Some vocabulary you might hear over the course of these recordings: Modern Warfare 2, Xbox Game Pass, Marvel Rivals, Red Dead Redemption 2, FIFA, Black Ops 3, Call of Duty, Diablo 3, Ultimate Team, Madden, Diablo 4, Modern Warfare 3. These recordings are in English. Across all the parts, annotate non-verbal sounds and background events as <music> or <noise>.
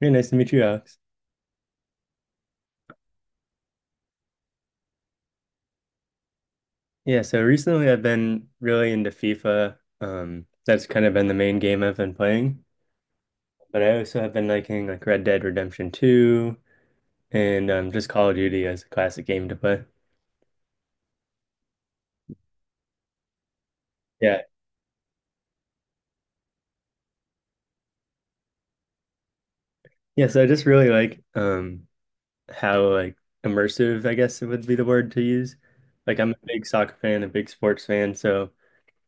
Very nice to meet you, Alex. Yeah, so recently I've been really into FIFA. That's kind of been the main game I've been playing. But I also have been liking like Red Dead Redemption 2 and just Call of Duty as a classic game to play. Yeah. Yeah, so I just really like how like immersive, I guess it would be the word to use. Like I'm a big soccer fan, a big sports fan, so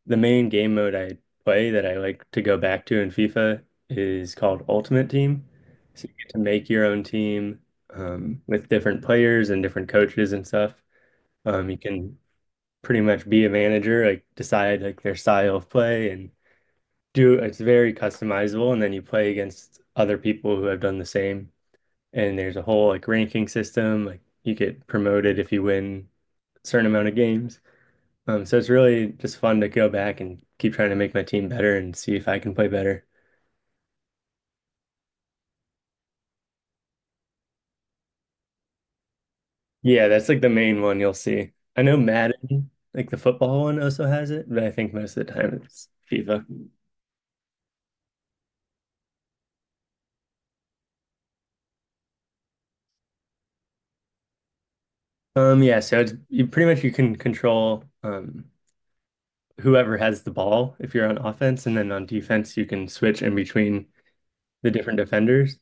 the main game mode I play that I like to go back to in FIFA is called Ultimate Team. So you get to make your own team with different players and different coaches and stuff. You can pretty much be a manager, like decide like their style of play and do it's very customizable. And then you play against other people who have done the same. And there's a whole like ranking system. Like you get promoted if you win a certain amount of games. So it's really just fun to go back and keep trying to make my team better and see if I can play better. Yeah, that's like the main one you'll see. I know Madden, like the football one also has it, but I think most of the time it's FIFA. Yeah, so it's you pretty much you can control whoever has the ball if you're on offense, and then on defense you can switch in between the different defenders.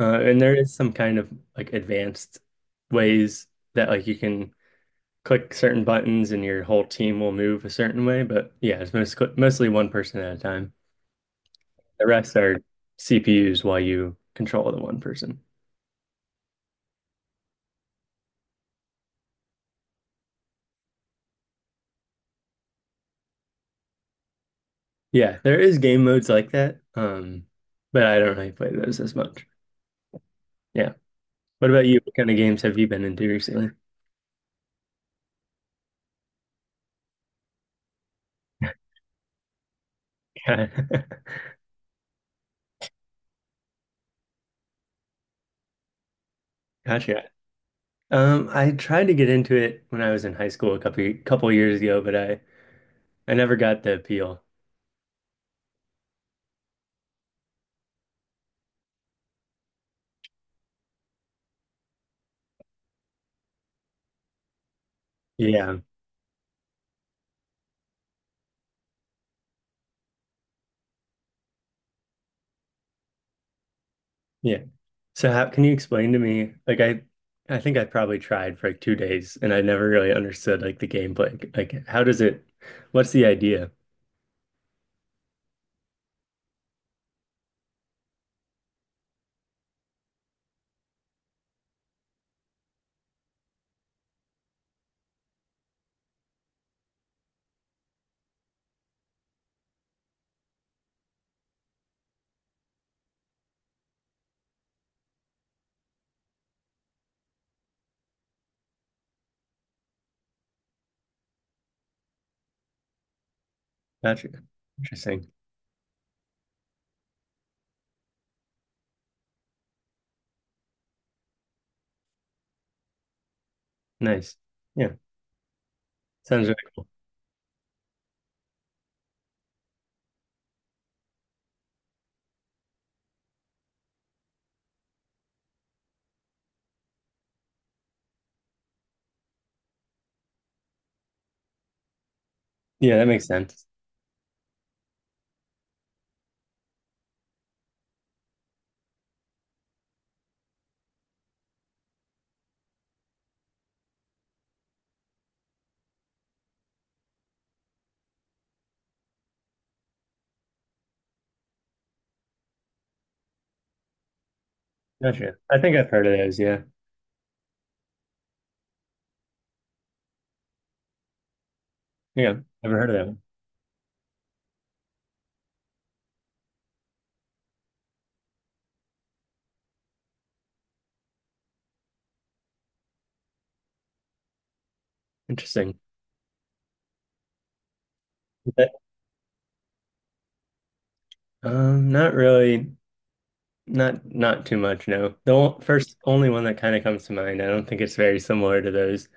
And there is some kind of like advanced ways that like you can click certain buttons and your whole team will move a certain way. But yeah, it's mostly one person at a time. The rest are CPUs while you control the one person. Yeah, there is game modes like that. But I don't really play those as much. Yeah. What about you? What kind of games have you been into recently? <laughs> Gotcha. I tried to get into it when I was in high school a couple years ago, but I never got the appeal. Yeah. Yeah. So how can you explain to me? Like I think I probably tried for like 2 days and I never really understood like the gameplay. Like how does it what's the idea? Gotcha. Interesting. Nice. Yeah. Sounds really cool. Yeah, that makes sense. Gotcha. I think I've heard of those, yeah. Yeah. Never heard of that one. Interesting. But, not really not too much, no. The first only one that kind of comes to mind. I don't think it's very similar to those.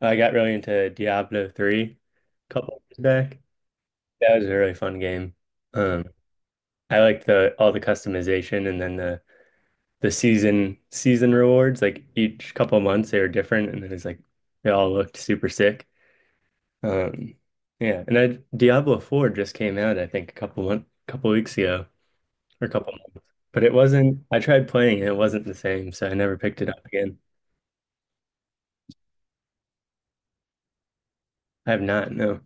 I got really into Diablo 3 a couple years back. That was a really fun game. Um, I like the all the customization and then the season rewards. Like each couple of months they were different, and then it's like they all looked super sick. Um, yeah, Diablo 4 just came out, I think, a couple weeks ago or a couple months. But it wasn't. I tried playing and it wasn't the same, so I never picked it up again. I have not. No.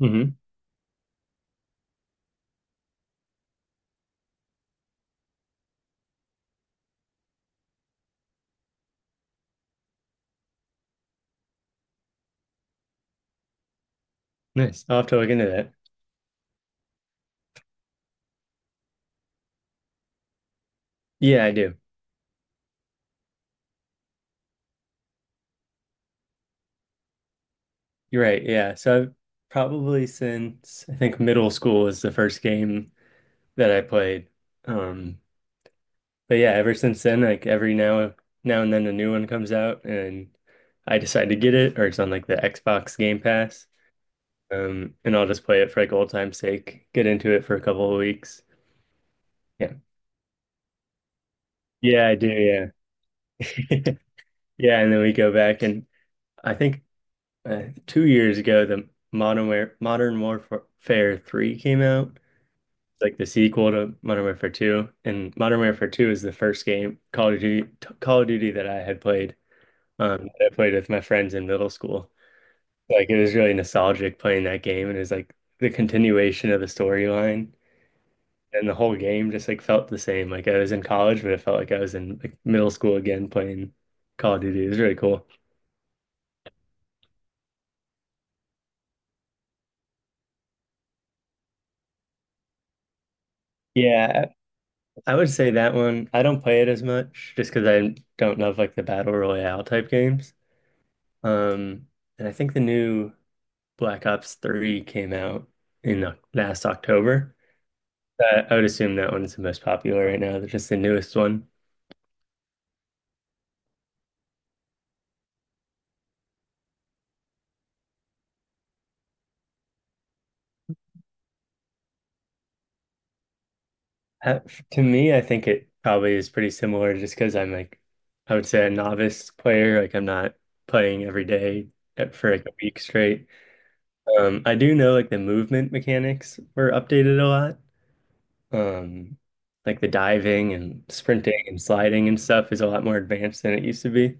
Hmm. Nice. I'll have to look into that. Yeah, I do. You're right. Yeah. So I've probably since I think middle school was the first game that I played. Um, but yeah, ever since then, like every now and then a new one comes out and I decide to get it or it's on like the Xbox Game Pass. And I'll just play it for like old time's sake, get into it for a couple of weeks. Yeah. Yeah, I do, yeah. <laughs> Yeah, and then we go back and I think 2 years ago the Modern Warfare 3 came out. It's like the sequel to Modern Warfare 2 and Modern Warfare 2 is the first game Call of Duty that I had played that I played with my friends in middle school. Like it was really nostalgic playing that game, and it was like the continuation of the storyline, and the whole game just like felt the same. Like I was in college, but it felt like I was in like middle school again playing Call of Duty. It was really cool. Yeah, I would say that one. I don't play it as much just because I don't love like the battle royale type games. Um, and I think the new Black Ops 3 came out in last October. I would assume that one's the most popular right now, just the newest one. To me, I think it probably is pretty similar just because I would say a novice player. Like, I'm not playing every day for like a week straight. I do know like the movement mechanics were updated a lot. Um, like the diving and sprinting and sliding and stuff is a lot more advanced than it used to be.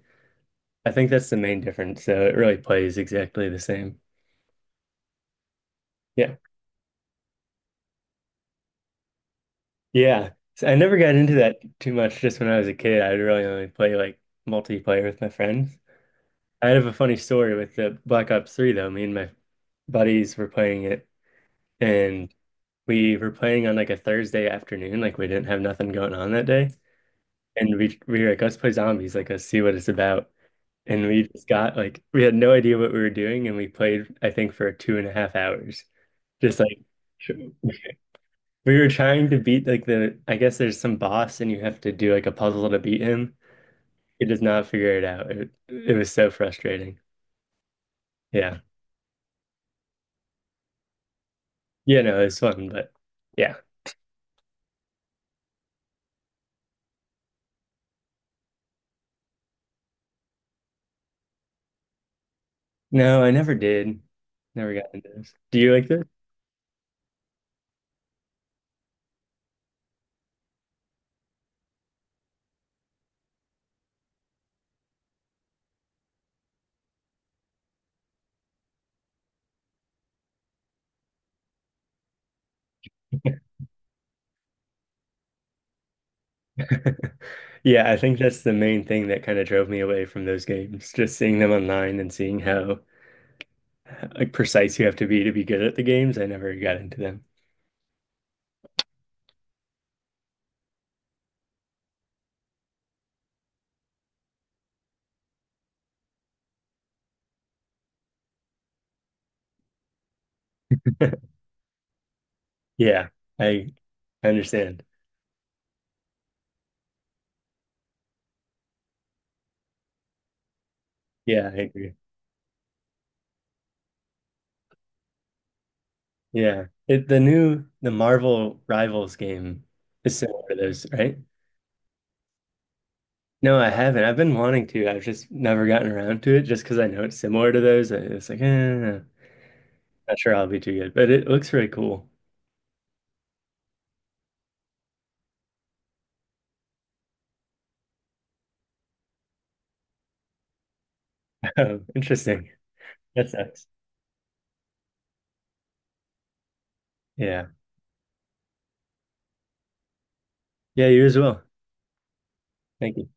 I think that's the main difference. So it really plays exactly the same. Yeah. Yeah. So I never got into that too much just when I was a kid. I'd really only play like multiplayer with my friends. I have a funny story with the Black Ops 3 though. Me and my buddies were playing it and we were playing on like a Thursday afternoon, like we didn't have nothing going on that day. And we were like, let's play zombies, like let's see what it's about. And we just got like we had no idea what we were doing and we played, I think, for 2.5 hours. Just like <laughs> we were trying to beat like the, I guess there's some boss and you have to do like a puzzle to beat him. He does not figure it out. It was so frustrating. Yeah. Yeah, no, it was fun, but yeah. No, I never did. Never got into this. Do you like this? <laughs> Yeah, I think that's the main thing that kind of drove me away from those games. Just seeing them online and seeing how like precise you have to be good at the games. I never got into them. <laughs> Yeah, I I understand. Yeah, I agree. Yeah. It, the new the Marvel Rivals game is similar to those, right? No, I haven't. I've been wanting to. I've just never gotten around to it just because I know it's similar to those. It's like, eh, not sure I'll be too good, but it looks really cool. <laughs> Interesting. That sucks. Yeah. Yeah, you as well. Thank you.